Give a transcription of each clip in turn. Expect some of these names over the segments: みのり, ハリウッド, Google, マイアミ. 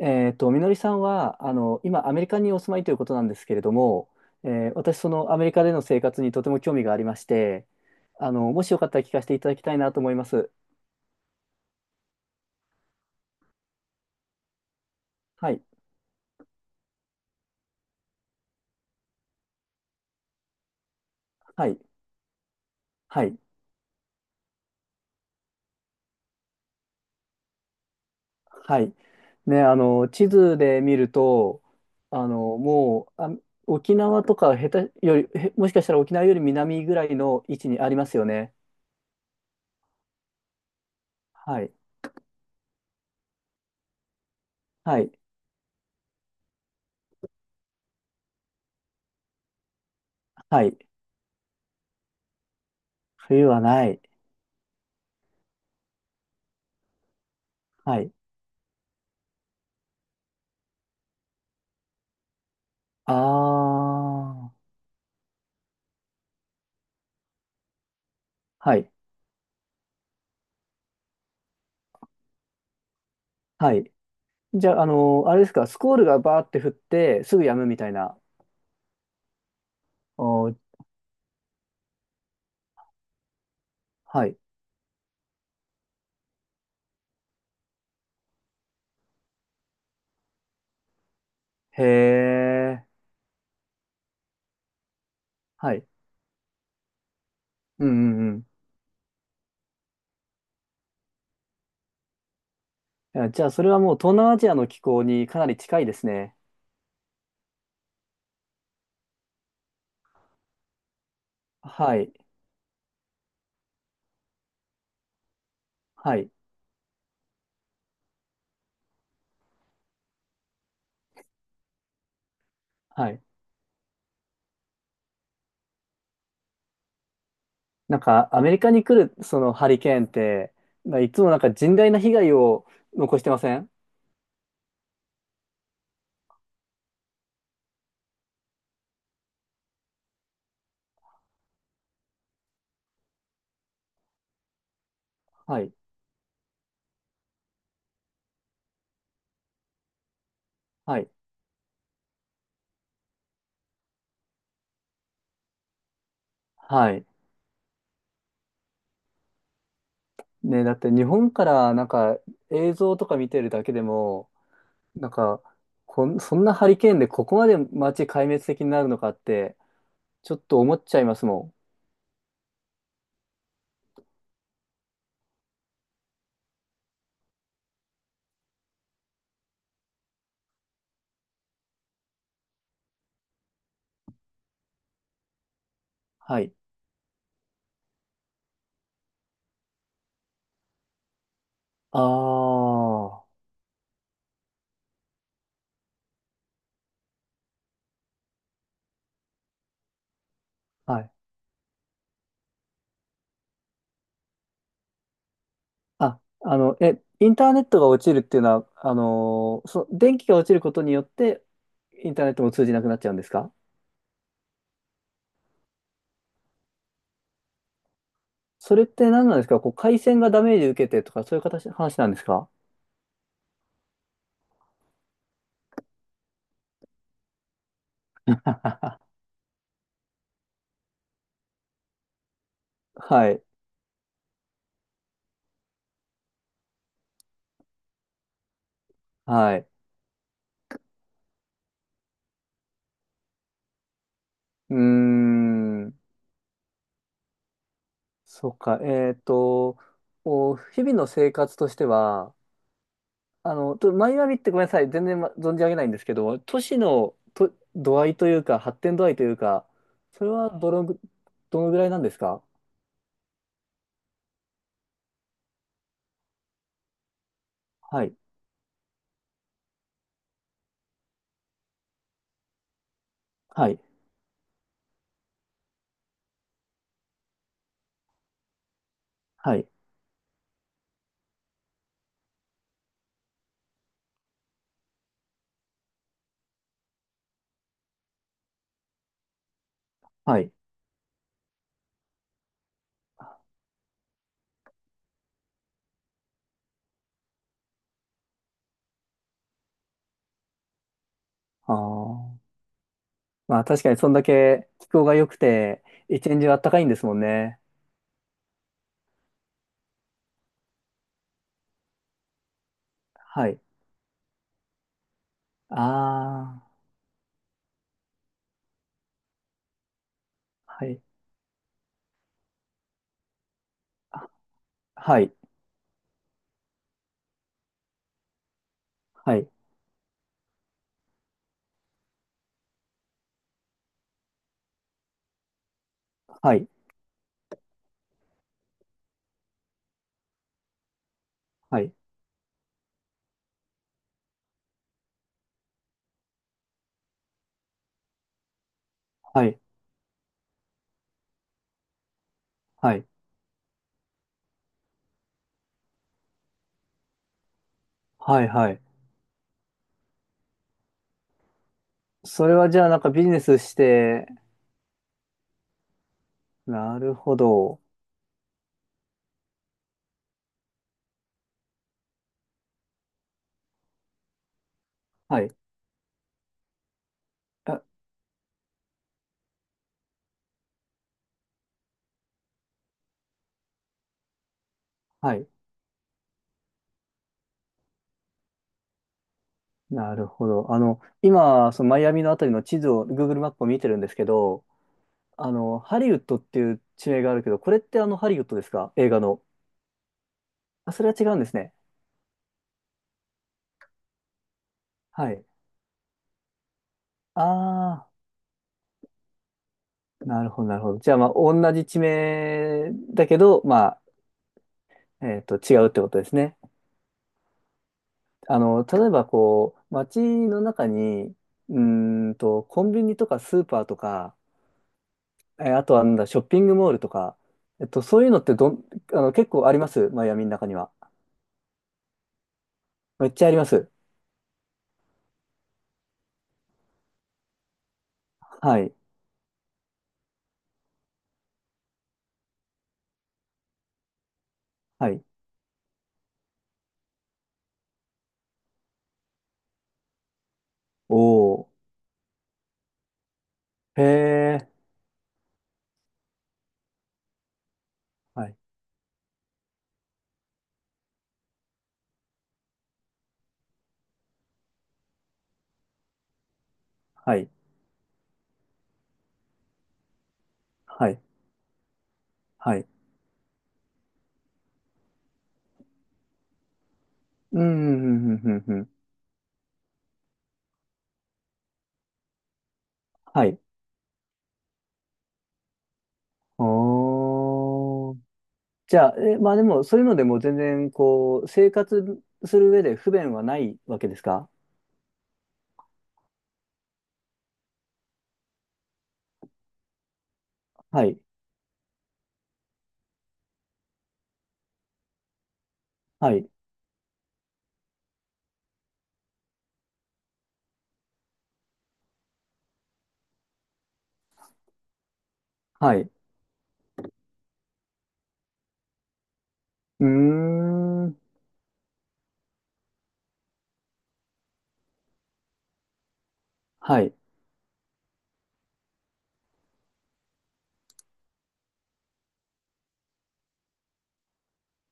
みのりさんは、今、アメリカにお住まいということなんですけれども、私、そのアメリカでの生活にとても興味がありまして、もしよかったら聞かせていただきたいなと思います。はい、はい、はい、はい。ね、地図で見ると、あ、沖縄とか下手より、もしかしたら沖縄より南ぐらいの位置にありますよね。はい、はい、はい。冬はない。はい。ああ、はい、はい。じゃあ、あれですか？スコールがバーって降って、すぐ止むみたいな。おー、はい。へえ、はい。うんうんうん。いやじゃあ、それはもう東南アジアの気候にかなり近いですね。はい。はい。はい。なんか、アメリカに来る、そのハリケーンって、まあ、いつもなんか甚大な被害を残してません？はい。はい。はい。ね、だって日本からなんか映像とか見てるだけでも、なんか、そんなハリケーンでここまで街壊滅的になるのかって、ちょっと思っちゃいますもん。はい。ああ、はい。あ、インターネットが落ちるっていうのは、電気が落ちることによって、インターネットも通じなくなっちゃうんですか？それって何なんですか？こう、回線がダメージ受けてとか、そういう形、話なんですか？ はい。はい。うーん。そうか。日々の生活としては、マイアミってごめんなさい、全然、存じ上げないんですけど、都市のと度合いというか、発展度合いというか、それはどのぐらいなんですか？はい、はい、はい、はい。ああ。まあ確かにそんだけ気候が良くて、一年中あったかいんですもんね。はい。ああ、はい。あはい、はい、はい、はい、はい、はい、はい、はい。それはじゃあなんかビジネスして、なるほど。はい。あ、はい。なるほど。今、そのマイアミのあたりの地図を、Google マップを見てるんですけど、ハリウッドっていう地名があるけど、これってあのハリウッドですか？映画の。あ、それは違うんですね。はい。ああ、なるほど、なるほど。じゃあ、まあ、同じ地名だけど、まあ、違うってことですね。例えば、こう、街の中に、うーコンビニとかスーパーとか、あとはなんだ、ショッピングモールとか、そういうのってどん、あの、結構ありますマイアミの中には？めっちゃあります。はい。はい。おー。へえ。はい。はい。はい。はい。うん、うん、うん、うん、うん。うんはい。おー。じゃあ、まあでも、そういうのでも全然、こう、生活する上で不便はないわけですか？はい。はい。はい。うーん。はい。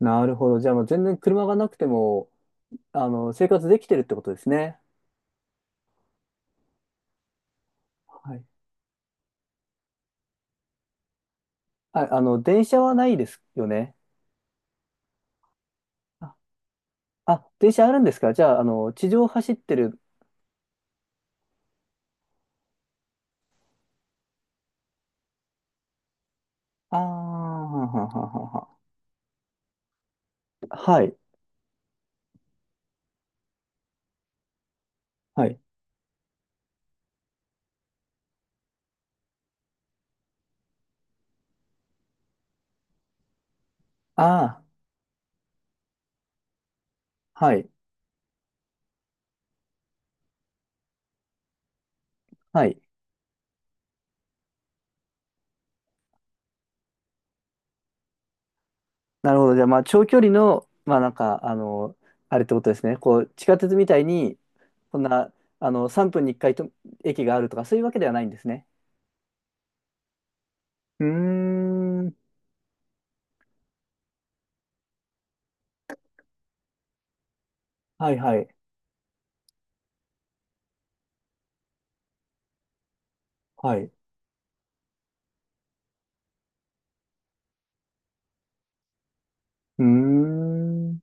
なるほど。じゃあ、もう全然車がなくても、生活できてるってことですね。はい。あ、電車はないですよね。あ、電車あるんですか？じゃあ、地上を走ってる。ああ、はははははい。は。い。ああ、はい。はい。なるほど。じゃあ、まあ、長距離の、まあ、なんか、あれってことですね。こう、地下鉄みたいに、こんな、3分に1回と駅があるとか、そういうわけではないんですね。うーん。はいはい。はい。うーん。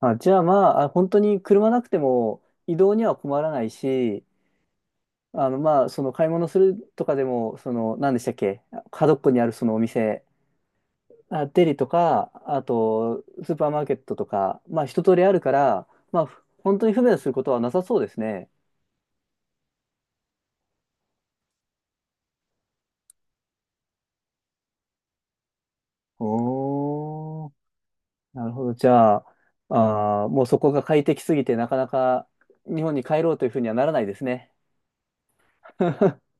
あ、じゃあ、まあ、本当に車なくても移動には困らないし、まあ、その買い物するとかでも、その、何でしたっけ、角っこにあるそのお店、あ、デリとか、あと、スーパーマーケットとか、まあ、一通りあるから、まあ、本当に不便することはなさそうですね。おー、なるほど。じゃあ、もうそこが快適すぎて、なかなか日本に帰ろうというふうにはならないですね。